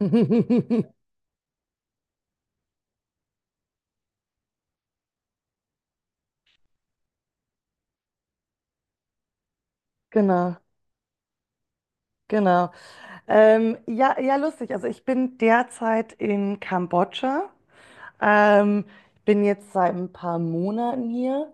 Genau, genau. Ja, ja, lustig. Also ich bin derzeit in Kambodscha. Ähm, bin jetzt seit ein paar Monaten hier.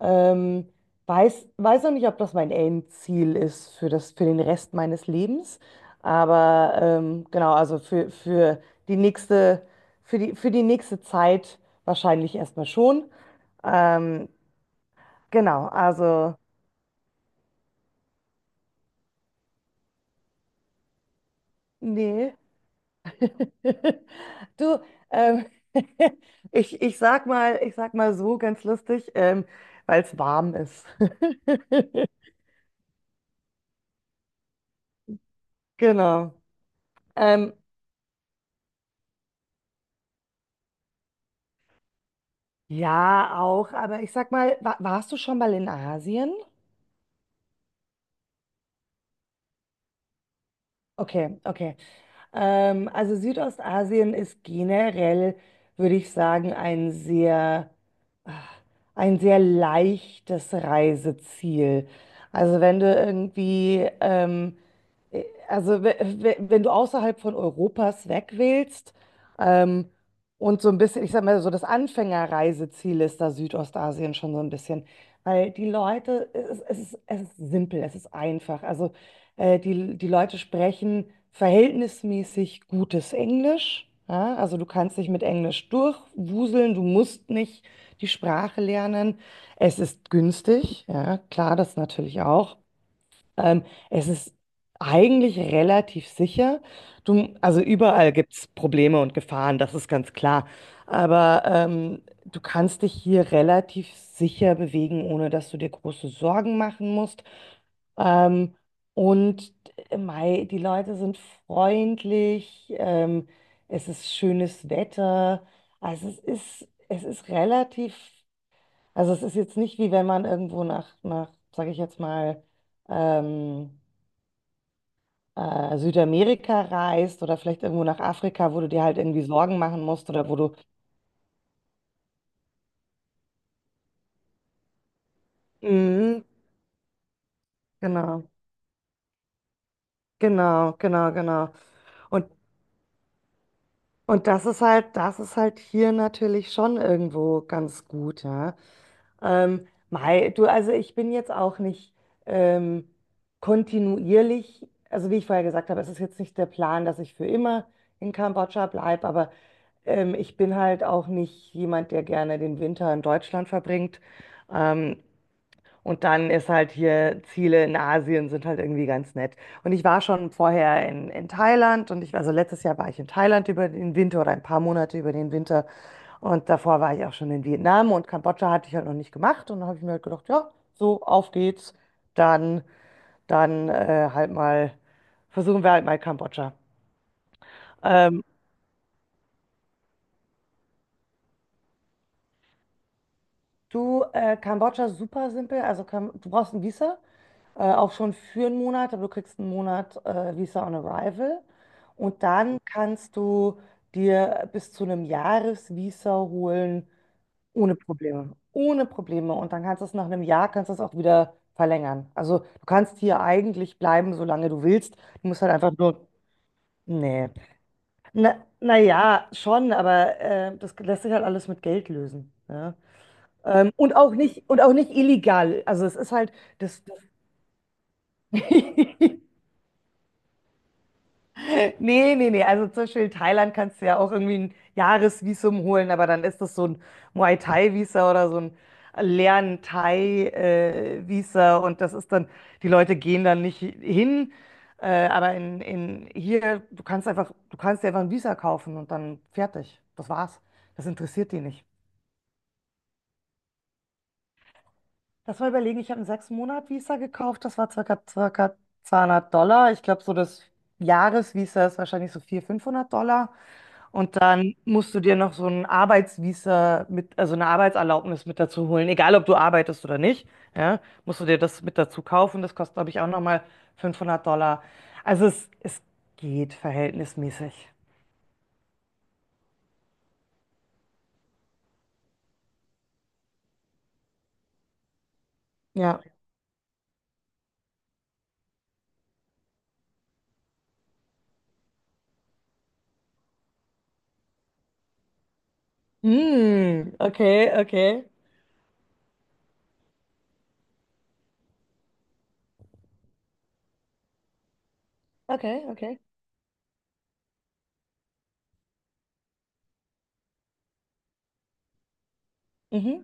Ähm, weiß noch nicht, ob das mein Endziel ist für das, für den Rest meines Lebens. Aber genau, also die nächste, für die nächste Zeit wahrscheinlich erstmal schon. Ähm, genau, also nee. Du, ähm, ich sag mal so ganz lustig, weil es warm ist. Genau. Ähm, ja, auch, aber ich sag mal, wa warst du schon mal in Asien? Okay, okay. Also Südostasien ist generell, würde ich sagen, ein ah, sehr leichtes Reiseziel. Also wenn du irgendwie, also wenn du außerhalb von Europas weg willst, ähm, und so ein bisschen, ich sag mal, so das Anfängerreiseziel ist da Südostasien schon so ein bisschen. Weil die Leute, es ist simpel, es ist einfach. Also die Leute sprechen verhältnismäßig gutes Englisch. Ja? Also du kannst dich mit Englisch durchwuseln, du musst nicht die Sprache lernen. Es ist günstig, ja, klar, das natürlich auch. Ähm, Es ist eigentlich relativ sicher. Du, also überall gibt es Probleme und Gefahren, das ist ganz klar. Aber du kannst dich hier relativ sicher bewegen, ohne dass du dir große Sorgen machen musst. Ähm, und mei, die Leute sind freundlich, es ist schönes Wetter. Also es ist relativ, also es ist jetzt nicht, wie wenn man irgendwo nach sage ich jetzt mal, ähm, Südamerika reist oder vielleicht irgendwo nach Afrika, wo du dir halt irgendwie Sorgen machen musst oder wo du. Mhm, genau, genau, genau, genau. Und, und das ist halt hier natürlich schon irgendwo ganz gut, ja. Mei, du, also ich bin jetzt auch nicht ähm, kontinuierlich, also wie ich vorher gesagt habe, es ist jetzt nicht der Plan, dass ich für immer in Kambodscha bleibe, aber ich bin halt auch nicht jemand, der gerne den Winter in Deutschland verbringt. Ähm, und dann ist halt hier, Ziele in Asien sind halt irgendwie ganz nett. Und ich war schon vorher in Thailand und also letztes Jahr war ich in Thailand über den Winter oder ein paar Monate über den Winter. Und davor war ich auch schon in Vietnam und Kambodscha hatte ich halt noch nicht gemacht. Und dann habe ich mir halt gedacht, ja, so, auf geht's. Dann, dann halt mal, versuchen wir halt mal Kambodscha. Ähm, Du, Kambodscha ist super simpel. Also Kam du brauchst ein Visa, auch schon für einen Monat, aber du kriegst einen Monat Visa on Arrival. Und dann kannst du dir bis zu einem Jahresvisa holen, ohne Probleme. Ohne Probleme. Und dann kannst du es nach einem Jahr, kannst du es auch wieder verlängern. Also du kannst hier eigentlich bleiben, solange du willst. Du musst halt einfach nur. Nee. Na, naja, schon, aber das lässt sich halt alles mit Geld lösen, ja. Und auch nicht, und auch nicht illegal. Also es ist halt, das Nee, nee, nee. Also zum Beispiel in Thailand kannst du ja auch irgendwie ein Jahresvisum holen, aber dann ist das so ein Muay Thai-Visa oder so ein Lern-Thai-Visa und das ist dann, die Leute gehen dann nicht hin. Aber in hier, du kannst dir einfach ein Visa kaufen und dann fertig. Das war's. Das interessiert die nicht. Lass mal überlegen, ich habe einen 6 Monat Visa gekauft, das war circa 200 Dollar. Ich glaube, so das Jahresvisa ist wahrscheinlich so 400, 500 Dollar. Und dann musst du dir noch so ein Arbeitsvisa mit, also eine Arbeitserlaubnis mit dazu holen, egal ob du arbeitest oder nicht. Ja, musst du dir das mit dazu kaufen. Das kostet, glaube ich, auch nochmal 500 Dollar. Also es geht verhältnismäßig. Ja. Mm, okay, okay. Okay, okay. Mhm.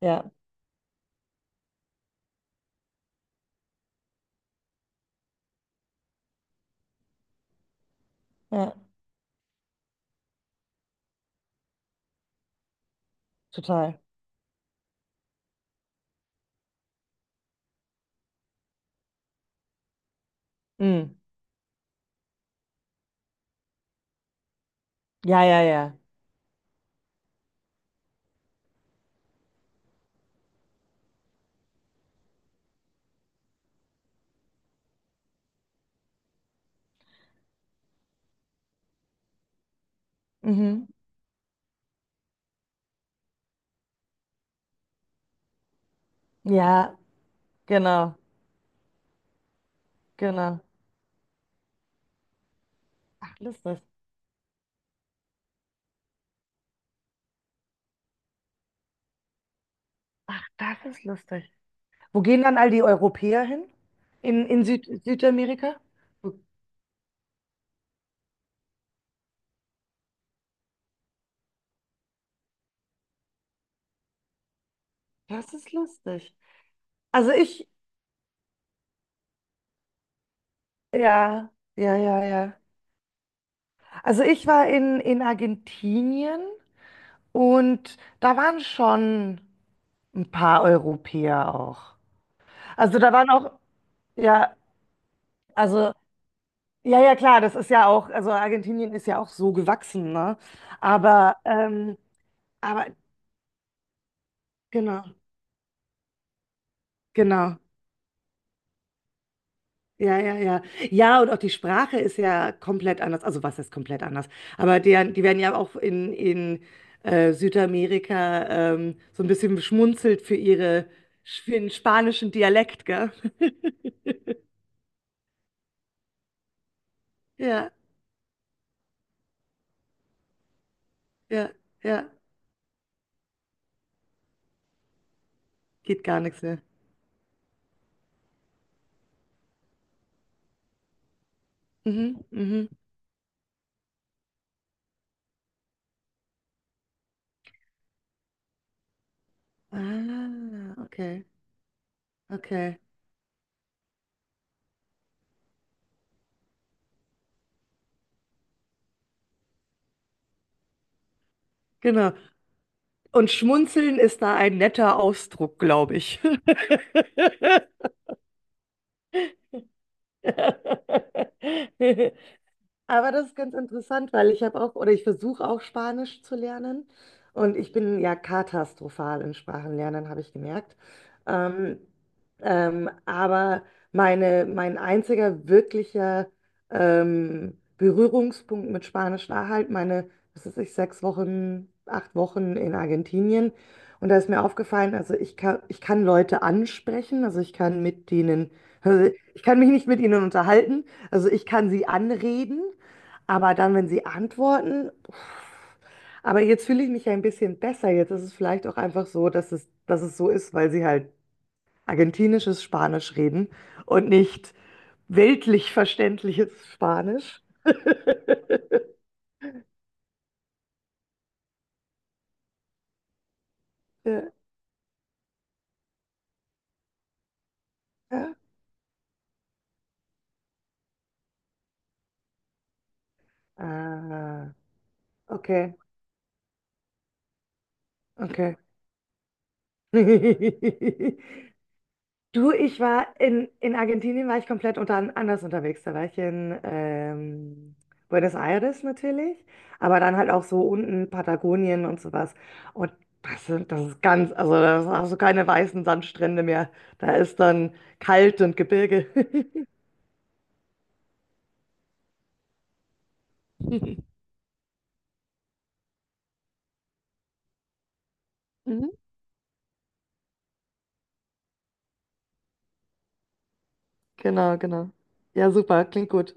Ja, ja, total. Mm. Ja, ja, ja. Mhm. Ja, genau, genau. Ach, lustig. Ach, das ist lustig. Wo gehen dann all die Europäer hin? In Südamerika? Das ist lustig. Also ich, ja, ja, ja, ja. Also ich war in Argentinien und da waren schon ein paar Europäer auch. Also da waren auch, ja, also ja, ja, klar, das ist ja auch, also Argentinien ist ja auch so gewachsen, ne? Aber, ähm, aber genau, genau. Ja, ja, ja. Ja, und auch die Sprache ist ja komplett anders. Also was ist komplett anders? Aber die werden ja auch in Südamerika so ein bisschen beschmunzelt für für den spanischen Dialekt, gell? Ja, ja, ja. Geht gar nichts mehr. Mhm, mhm. Ah, okay, okay. Genau. Und schmunzeln ist da ein netter Ausdruck, glaube ich. Aber das ist ganz interessant, weil ich habe auch, oder ich versuche auch Spanisch zu lernen. Und ich bin ja katastrophal in Sprachenlernen, habe ich gemerkt. Ähm, aber meine, mein einziger wirklicher Berührungspunkt mit Spanisch war halt meine, was weiß ich, 6 Wochen, 8 Wochen in Argentinien. Und da ist mir aufgefallen, also ich kann Leute ansprechen, also ich kann mit denen, also ich kann mich nicht mit ihnen unterhalten, also ich kann sie anreden. Aber dann, wenn sie antworten, uff. Aber jetzt fühle ich mich ja ein bisschen besser. Jetzt ist es vielleicht auch einfach so, dass es so ist, weil sie halt argentinisches Spanisch reden und nicht weltlich verständliches Spanisch. Ja. Ja. Ah, okay, okay. Du, ich war in Argentinien, war ich komplett anders unterwegs. Da war ich in Buenos Aires natürlich, aber dann halt auch so unten Patagonien und sowas. Und das ist ganz, also das sind auch so keine weißen Sandstrände mehr. Da ist dann kalt und Gebirge. Mhm. Genau, genau. Ja, super, klingt gut.